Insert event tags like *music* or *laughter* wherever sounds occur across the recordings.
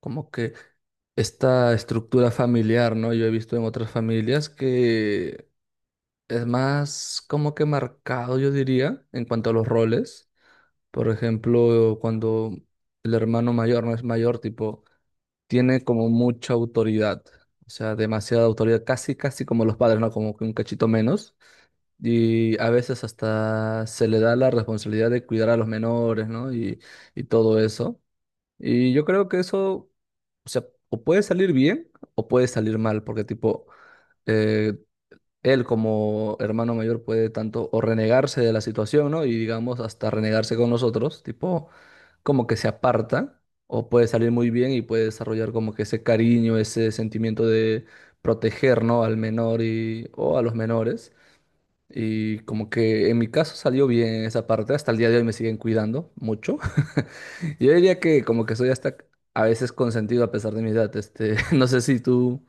Como que esta estructura familiar, ¿no? Yo he visto en otras familias que es más como que marcado, yo diría, en cuanto a los roles. Por ejemplo, cuando el hermano mayor no es mayor, tipo, tiene como mucha autoridad, o sea, demasiada autoridad, casi, casi como los padres, ¿no? Como que un cachito menos. Y a veces hasta se le da la responsabilidad de cuidar a los menores, ¿no? Y todo eso. Y yo creo que eso, o sea, o puede salir bien o puede salir mal, porque tipo, eh, él como hermano mayor puede tanto o renegarse de la situación, ¿no? Y digamos, hasta renegarse con nosotros, tipo, como que se aparta, o puede salir muy bien y puede desarrollar como que ese cariño, ese sentimiento de proteger, ¿no? Al menor y, o a los menores. Y como que en mi caso salió bien esa parte, hasta el día de hoy me siguen cuidando mucho. *laughs* Yo diría que como que soy hasta a veces consentido a pesar de mi edad. Este, *laughs* no sé si tú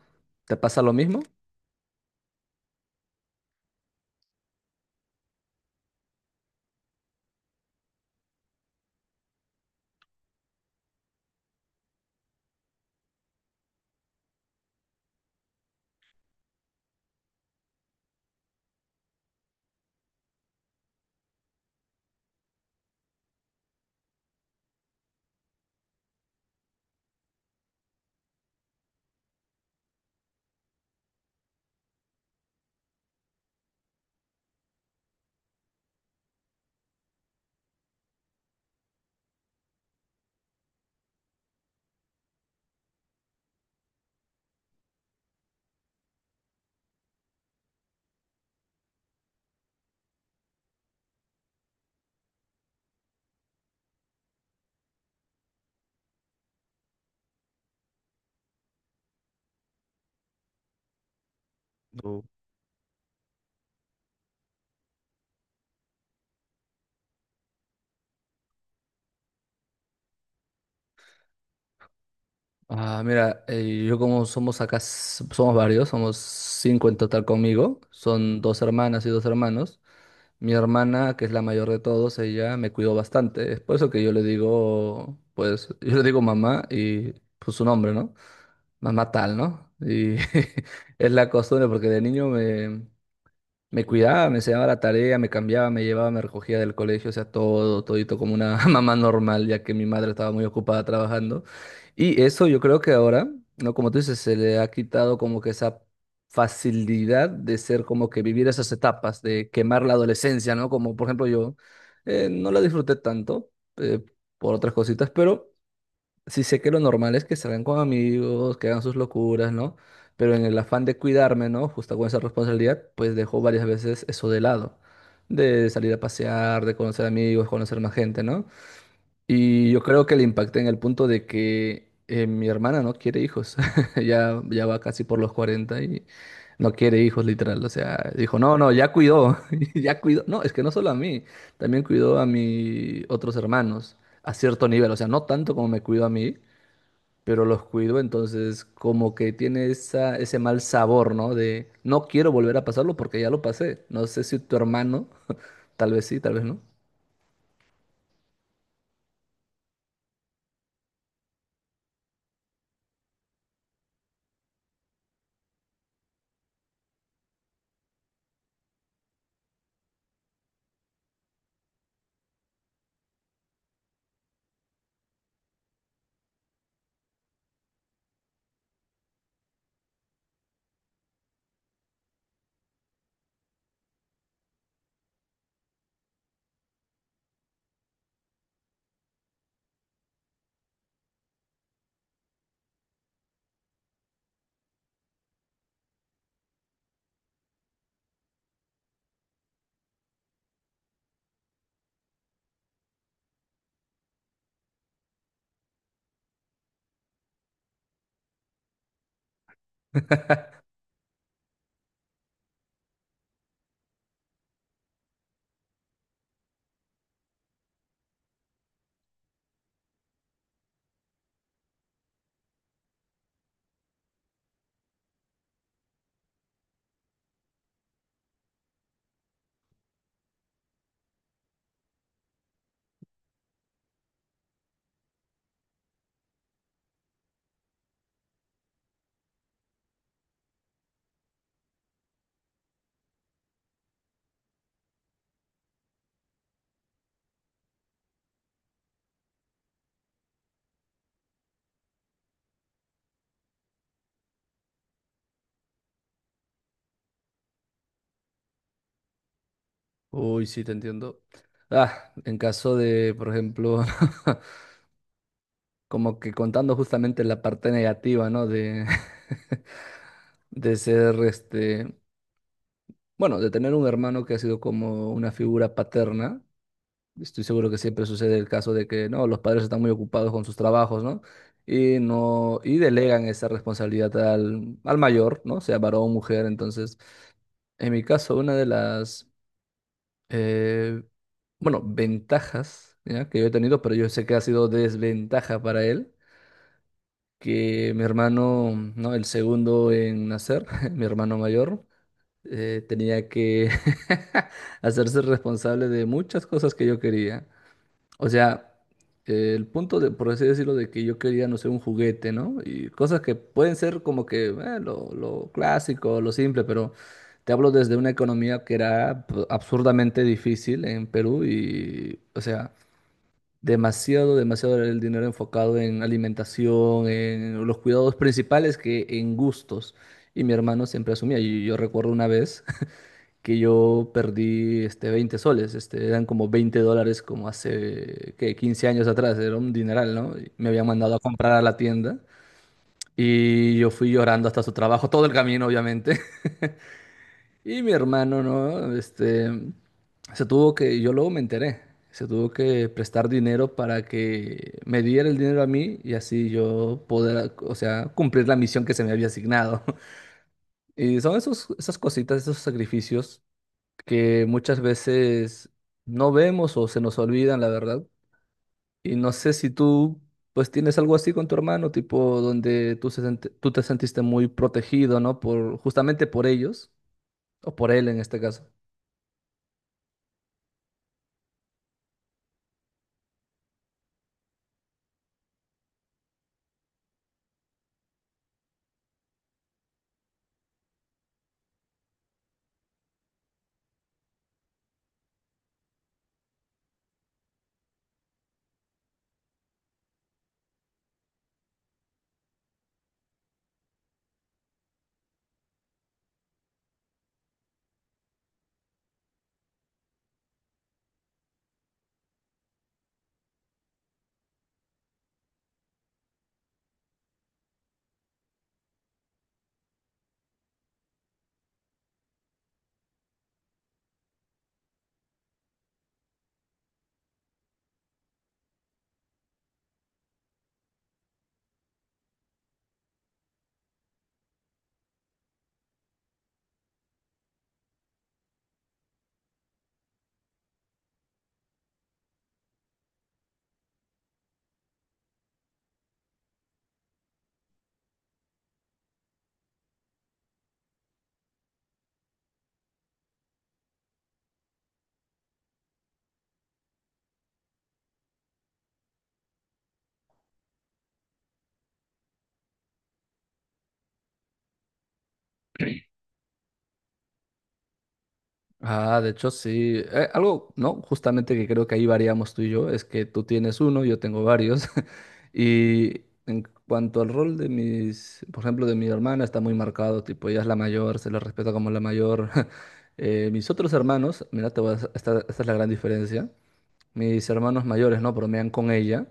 te pasa lo mismo. Ah, mira, yo como somos acá, somos varios, somos cinco en total conmigo, son dos hermanas y dos hermanos. Mi hermana, que es la mayor de todos, ella me cuidó bastante, es por eso que yo le digo, pues, *laughs* yo le digo mamá y pues su nombre, ¿no? Mamá tal, ¿no? Y *laughs* es la costumbre porque de niño me cuidaba, me enseñaba la tarea, me cambiaba, me llevaba, me recogía del colegio, o sea, todo, todito como una *laughs* mamá normal, ya que mi madre estaba muy ocupada trabajando. Y eso yo creo que ahora, ¿no? Como tú dices, se le ha quitado como que esa facilidad de ser como que vivir esas etapas, de quemar la adolescencia, ¿no? Como por ejemplo yo, no la disfruté tanto eh, por otras cositas, pero... Sí sé que lo normal es que salgan con amigos, que hagan sus locuras, ¿no? Pero en el afán de cuidarme, ¿no? Justo con esa responsabilidad, pues dejo varias veces eso de lado. De salir a pasear, de conocer amigos, conocer más gente, ¿no? Y yo creo que le impacté en el punto de que mi hermana no quiere hijos. *laughs* Ya, ya va casi por los 40 y no quiere hijos, literal. O sea, dijo, no, no, ya cuidó, *laughs* ya cuidó. No, es que no solo a mí, también cuidó a mis otros hermanos a cierto nivel. O sea, no tanto como me cuidó a mí pero los cuido, entonces como que tiene esa, ese mal sabor, ¿no? De no quiero volver a pasarlo porque ya lo pasé. No sé si tu hermano, *laughs* tal vez sí, tal vez no. Uy, sí, te entiendo. Ah, en caso de, por ejemplo, *laughs* como que contando justamente la parte negativa, ¿no? De, *laughs* de ser, este, bueno, de tener un hermano que ha sido como una figura paterna. Estoy seguro que siempre sucede el caso de que no, los padres están muy ocupados con sus trabajos, ¿no? Y no, y delegan esa responsabilidad al, al mayor, ¿no? Sea varón o mujer. Entonces, en mi caso, una de las, eh, bueno, ventajas, ¿ya? que yo he tenido, pero yo sé que ha sido desventaja para él, que mi hermano, ¿no? El segundo en nacer, *laughs* mi hermano mayor, tenía que *laughs* hacerse responsable de muchas cosas que yo quería. O sea, el punto de, por así decirlo, de que yo quería, no sé, un juguete, ¿no? Y cosas que pueden ser como que lo clásico, lo simple, pero te hablo desde una economía que era absurdamente difícil en Perú y, o sea, demasiado, demasiado era el dinero enfocado en alimentación, en los cuidados principales que en gustos. Y mi hermano siempre asumía. Y yo recuerdo una vez que yo perdí este 20 soles, este, eran como 20 dólares como hace, ¿qué? 15 años atrás, era un dineral, ¿no? Y me habían mandado a comprar a la tienda y yo fui llorando hasta su trabajo, todo el camino, obviamente. *laughs* Y mi hermano, ¿no? Este, se tuvo que, yo luego me enteré, se tuvo que prestar dinero para que me diera el dinero a mí y así yo poder, o sea, cumplir la misión que se me había asignado. *laughs* Y son esos, esas cositas, esos sacrificios que muchas veces no vemos o se nos olvidan, la verdad. Y no sé si tú, pues, tienes algo así con tu hermano, tipo donde tú, tú te sentiste muy protegido, ¿no? Por, justamente por ellos, o por él en este caso. Ah, de hecho, sí. Algo, ¿no? Justamente que creo que ahí variamos tú y yo, es que tú tienes uno, yo tengo varios. *laughs* Y en cuanto al rol de mis, por ejemplo, de mi hermana, está muy marcado, tipo, ella es la mayor, se la respeta como la mayor. *laughs* Mis otros hermanos, mira, te voy a, esta es la gran diferencia. Mis hermanos mayores, ¿no? Bromean con ella.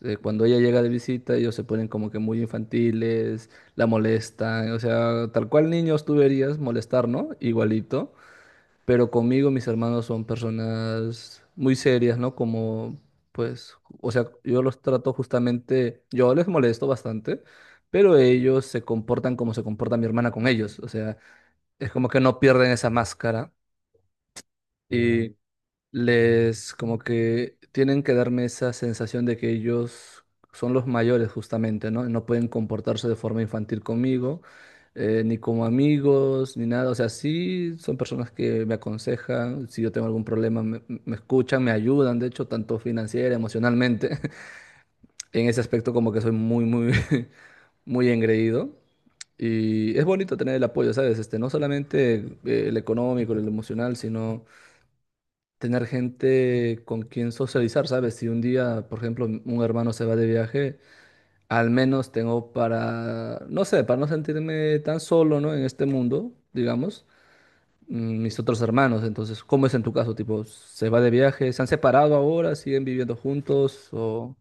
Cuando ella llega de visita, ellos se ponen como que muy infantiles, la molestan, o sea, tal cual niños tú verías molestar, ¿no? Igualito, pero conmigo mis hermanos son personas muy serias, ¿no? Como, pues, o sea, yo los trato justamente, yo les molesto bastante, pero ellos se comportan como se comporta mi hermana con ellos, o sea, es como que no pierden esa máscara y les como que tienen que darme esa sensación de que ellos son los mayores justamente, ¿no? No pueden comportarse de forma infantil conmigo, ni como amigos, ni nada. O sea, sí son personas que me aconsejan, si yo tengo algún problema me escuchan, me ayudan, de hecho, tanto financiera, emocionalmente. *laughs* En ese aspecto como que soy muy, muy, *laughs* muy engreído. Y es bonito tener el apoyo, ¿sabes? Este, no solamente el económico, el emocional, sino tener gente con quien socializar, ¿sabes? Si un día, por ejemplo, un hermano se va de viaje, al menos tengo para, no sé, para no sentirme tan solo, ¿no? En este mundo, digamos, mm, mis otros hermanos. Entonces, ¿cómo es en tu caso? Tipo, ¿se va de viaje? ¿Se han separado ahora? ¿Siguen viviendo juntos? ¿O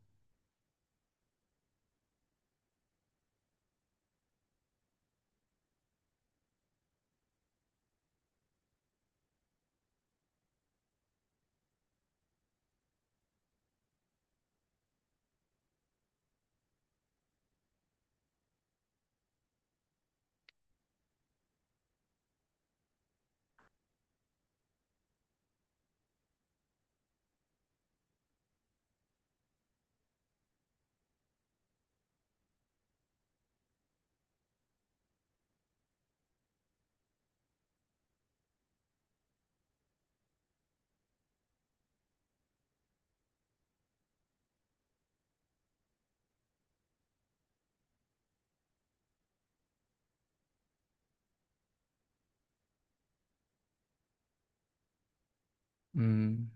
mm,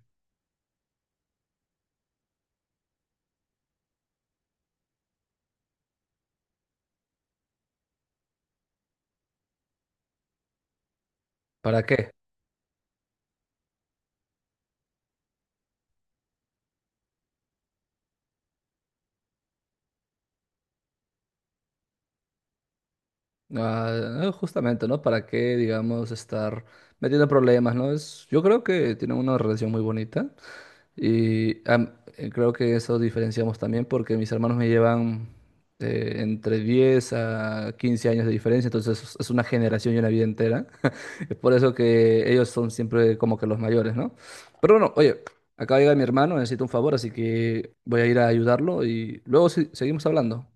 para qué? Ah, justamente, ¿no? ¿Para qué, digamos, estar metiendo problemas, ¿no? Es, yo creo que tienen una relación muy bonita. Y creo que eso diferenciamos también porque mis hermanos me llevan entre 10 a 15 años de diferencia, entonces es una generación y una vida entera. *laughs* Es por eso que ellos son siempre como que los mayores, ¿no? Pero bueno, oye, acá llega mi hermano, necesito un favor, así que voy a ir a ayudarlo y luego seguimos hablando.